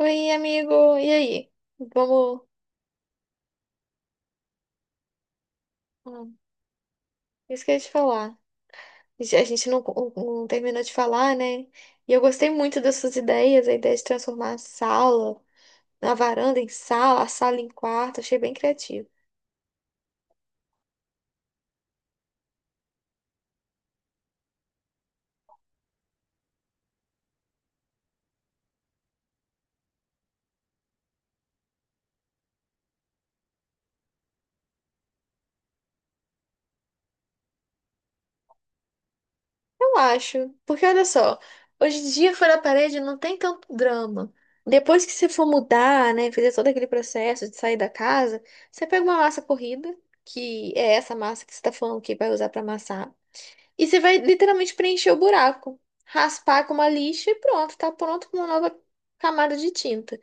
Oi, amigo. E aí? Vamos. Hum, Isso que eu ia te falar. A gente não terminou de falar, né? E eu gostei muito das suas ideias, a ideia de transformar a sala, a varanda em sala, a sala em quarto. Achei bem criativo. Eu acho. Porque olha só, hoje em dia fora da parede não tem tanto drama. Depois que você for mudar, né? fazer todo aquele processo de sair da casa, você pega uma massa corrida, que é essa massa que você está falando que vai usar para amassar. E você vai literalmente preencher o buraco, raspar com uma lixa e pronto, tá pronto com uma nova camada de tinta.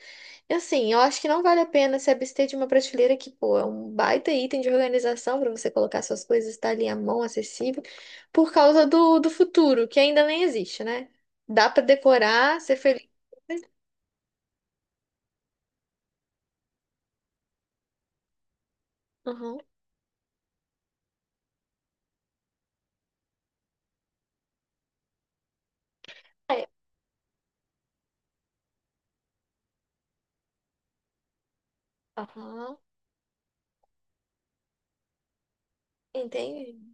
E assim, eu acho que não vale a pena se abster de uma prateleira que, pô, é um baita item de organização para você colocar suas coisas, tá ali à mão, acessível, por causa do futuro, que ainda nem existe, né? Dá para decorar, ser feliz. Aham, aham, entendi.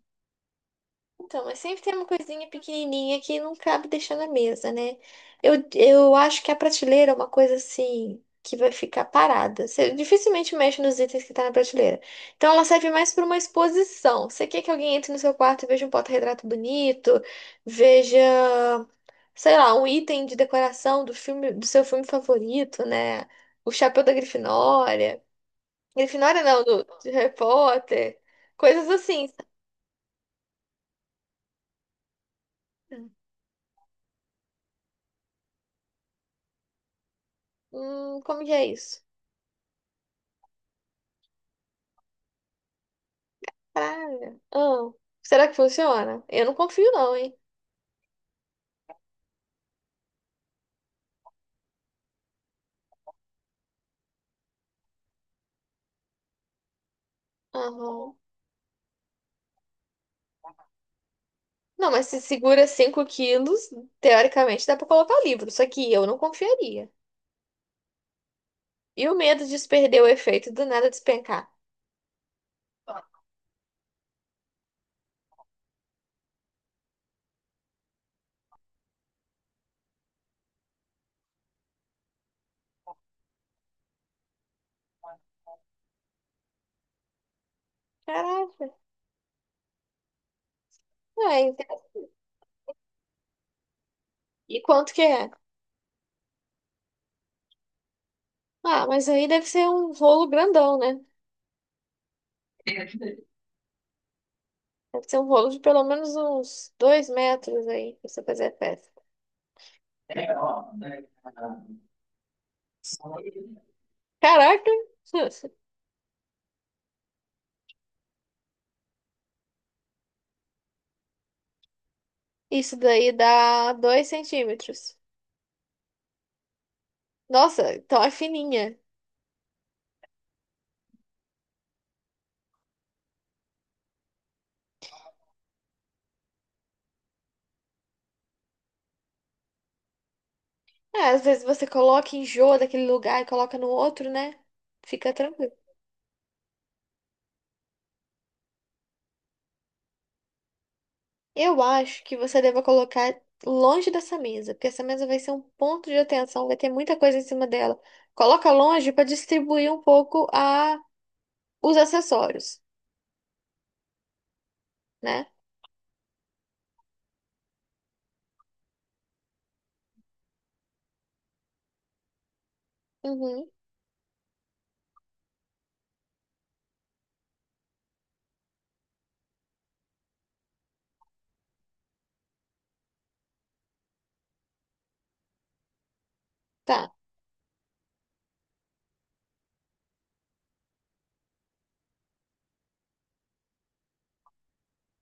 Então, mas sempre tem uma coisinha pequenininha que não cabe deixar na mesa, né? Eu acho que a prateleira é uma coisa assim que vai ficar parada. Você dificilmente mexe nos itens que tá na prateleira. Então ela serve mais para uma exposição. Você quer que alguém entre no seu quarto e veja um porta-retrato bonito, veja, sei lá, um item de decoração do filme, do seu filme favorito, né? O chapéu da Grifinória. Grifinória não, do de Harry Potter. Coisas assim. Como que é isso? Praga. Ah, será que funciona? Eu não confio, não, hein? Aham. Não, mas se segura 5 quilos, teoricamente dá pra colocar o livro. Só que eu não confiaria. E o medo de perder o efeito e do nada despencar? Caraca. É, e quanto que é? Ah, mas aí deve ser um rolo grandão, né? Deve ser um rolo de pelo menos uns 2 metros aí, pra você fazer a festa. Caraca! Isso daí dá 2 centímetros. Nossa, então é fininha. É, às vezes você coloca, enjoa daquele lugar e coloca no outro, né? Fica tranquilo. Eu acho que você deva colocar longe dessa mesa, porque essa mesa vai ser um ponto de atenção, vai ter muita coisa em cima dela. Coloca longe para distribuir um pouco a os acessórios, né? Uhum, tá.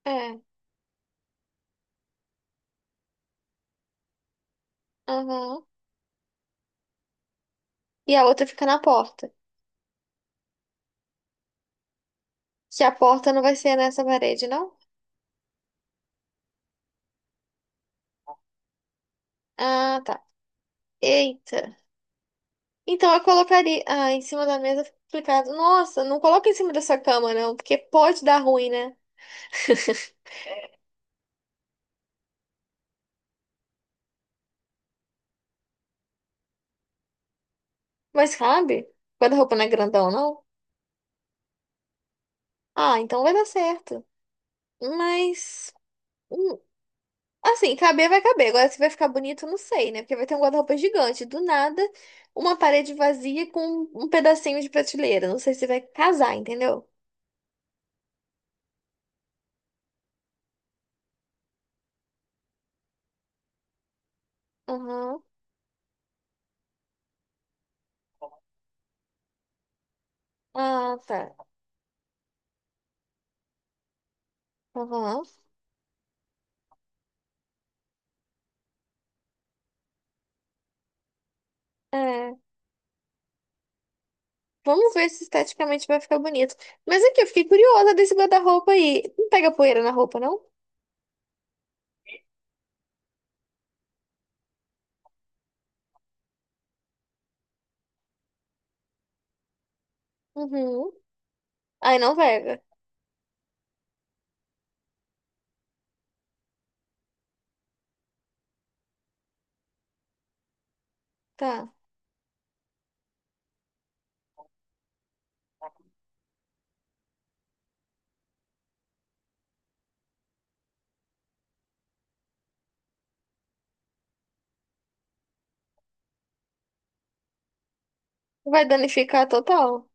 É. Aham. E a outra fica na porta. Que a porta não vai ser nessa parede, não? Ah, tá. Eita. Então eu colocaria ah, em cima da mesa, fica complicado. Nossa, não coloca em cima dessa cama, não, porque pode dar ruim, né? Mas cabe? O guarda-roupa não é grandão, não? Ah, então vai dar certo. Mas, hum, assim, caber vai caber. Agora, se vai ficar bonito, eu não sei, né? Porque vai ter um guarda-roupa gigante. Do nada, uma parede vazia com um pedacinho de prateleira. Não sei se vai casar, entendeu? Aham. Ah, tá. Aham. Vamos ver se esteticamente vai ficar bonito. Mas aqui, eu fiquei curiosa desse guarda-roupa aí. Não pega poeira na roupa, não? Uhum. Aí não pega. Tá. Vai danificar total.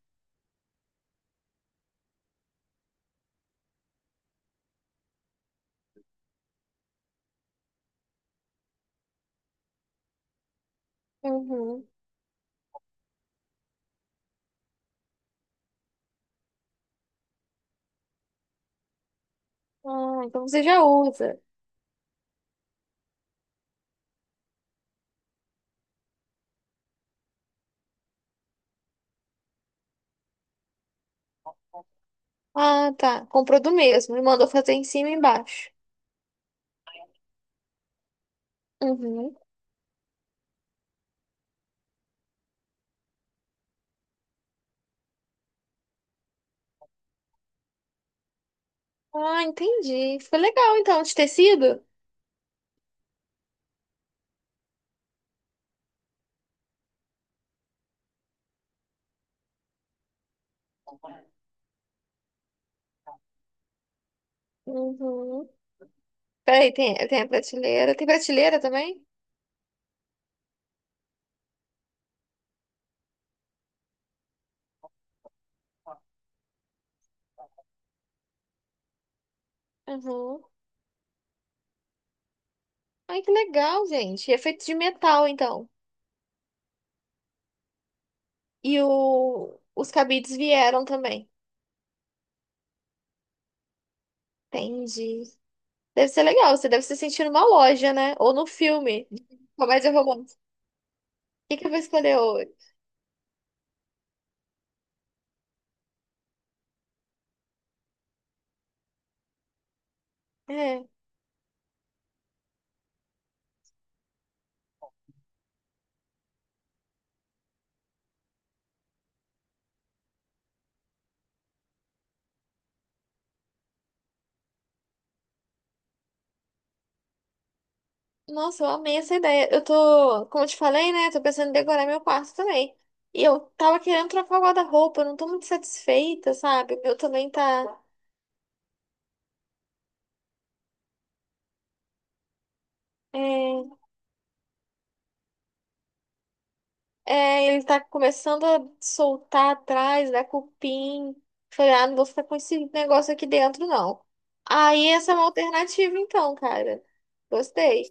Uhum. Ah, então você já usa. Ah, tá. Comprou do mesmo e mandou fazer em cima e embaixo. Uhum. Ah, entendi. Ficou legal, então, de tecido? Uhum. Peraí, tem a prateleira. Tem prateleira também? Uhum. Ai, que legal, gente. E é feito de metal, então. E os cabides vieram também. Entendi. Deve ser legal, você deve se sentir numa loja, né? Ou no filme. Comédia romântica. O que que eu vou escolher hoje? É. Nossa, eu amei essa ideia. Eu tô, como eu te falei, né? Tô pensando em decorar meu quarto também. E eu tava querendo trocar o guarda-roupa, eu não tô muito satisfeita, sabe? O meu também tá. é, É, ele tá começando a soltar atrás, dar cupim. Falei, ah, não vou ficar com esse negócio aqui dentro, não. Aí essa é uma alternativa, então, cara. Gostei.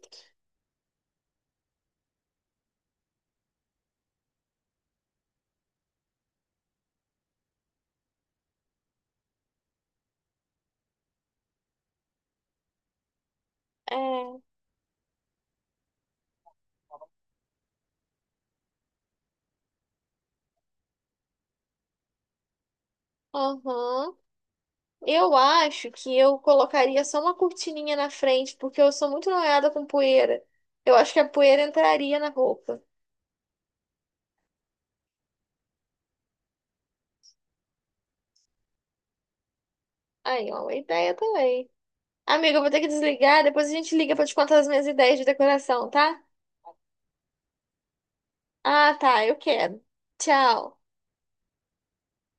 É, aham. Eu acho que eu colocaria só uma cortininha na frente, porque eu sou muito noiada com poeira. Eu acho que a poeira entraria na roupa. Aí, ó, uma ideia também. Amiga, eu vou ter que desligar, depois a gente liga pra te contar as minhas ideias de decoração, tá? Ah, tá, eu quero. Tchau.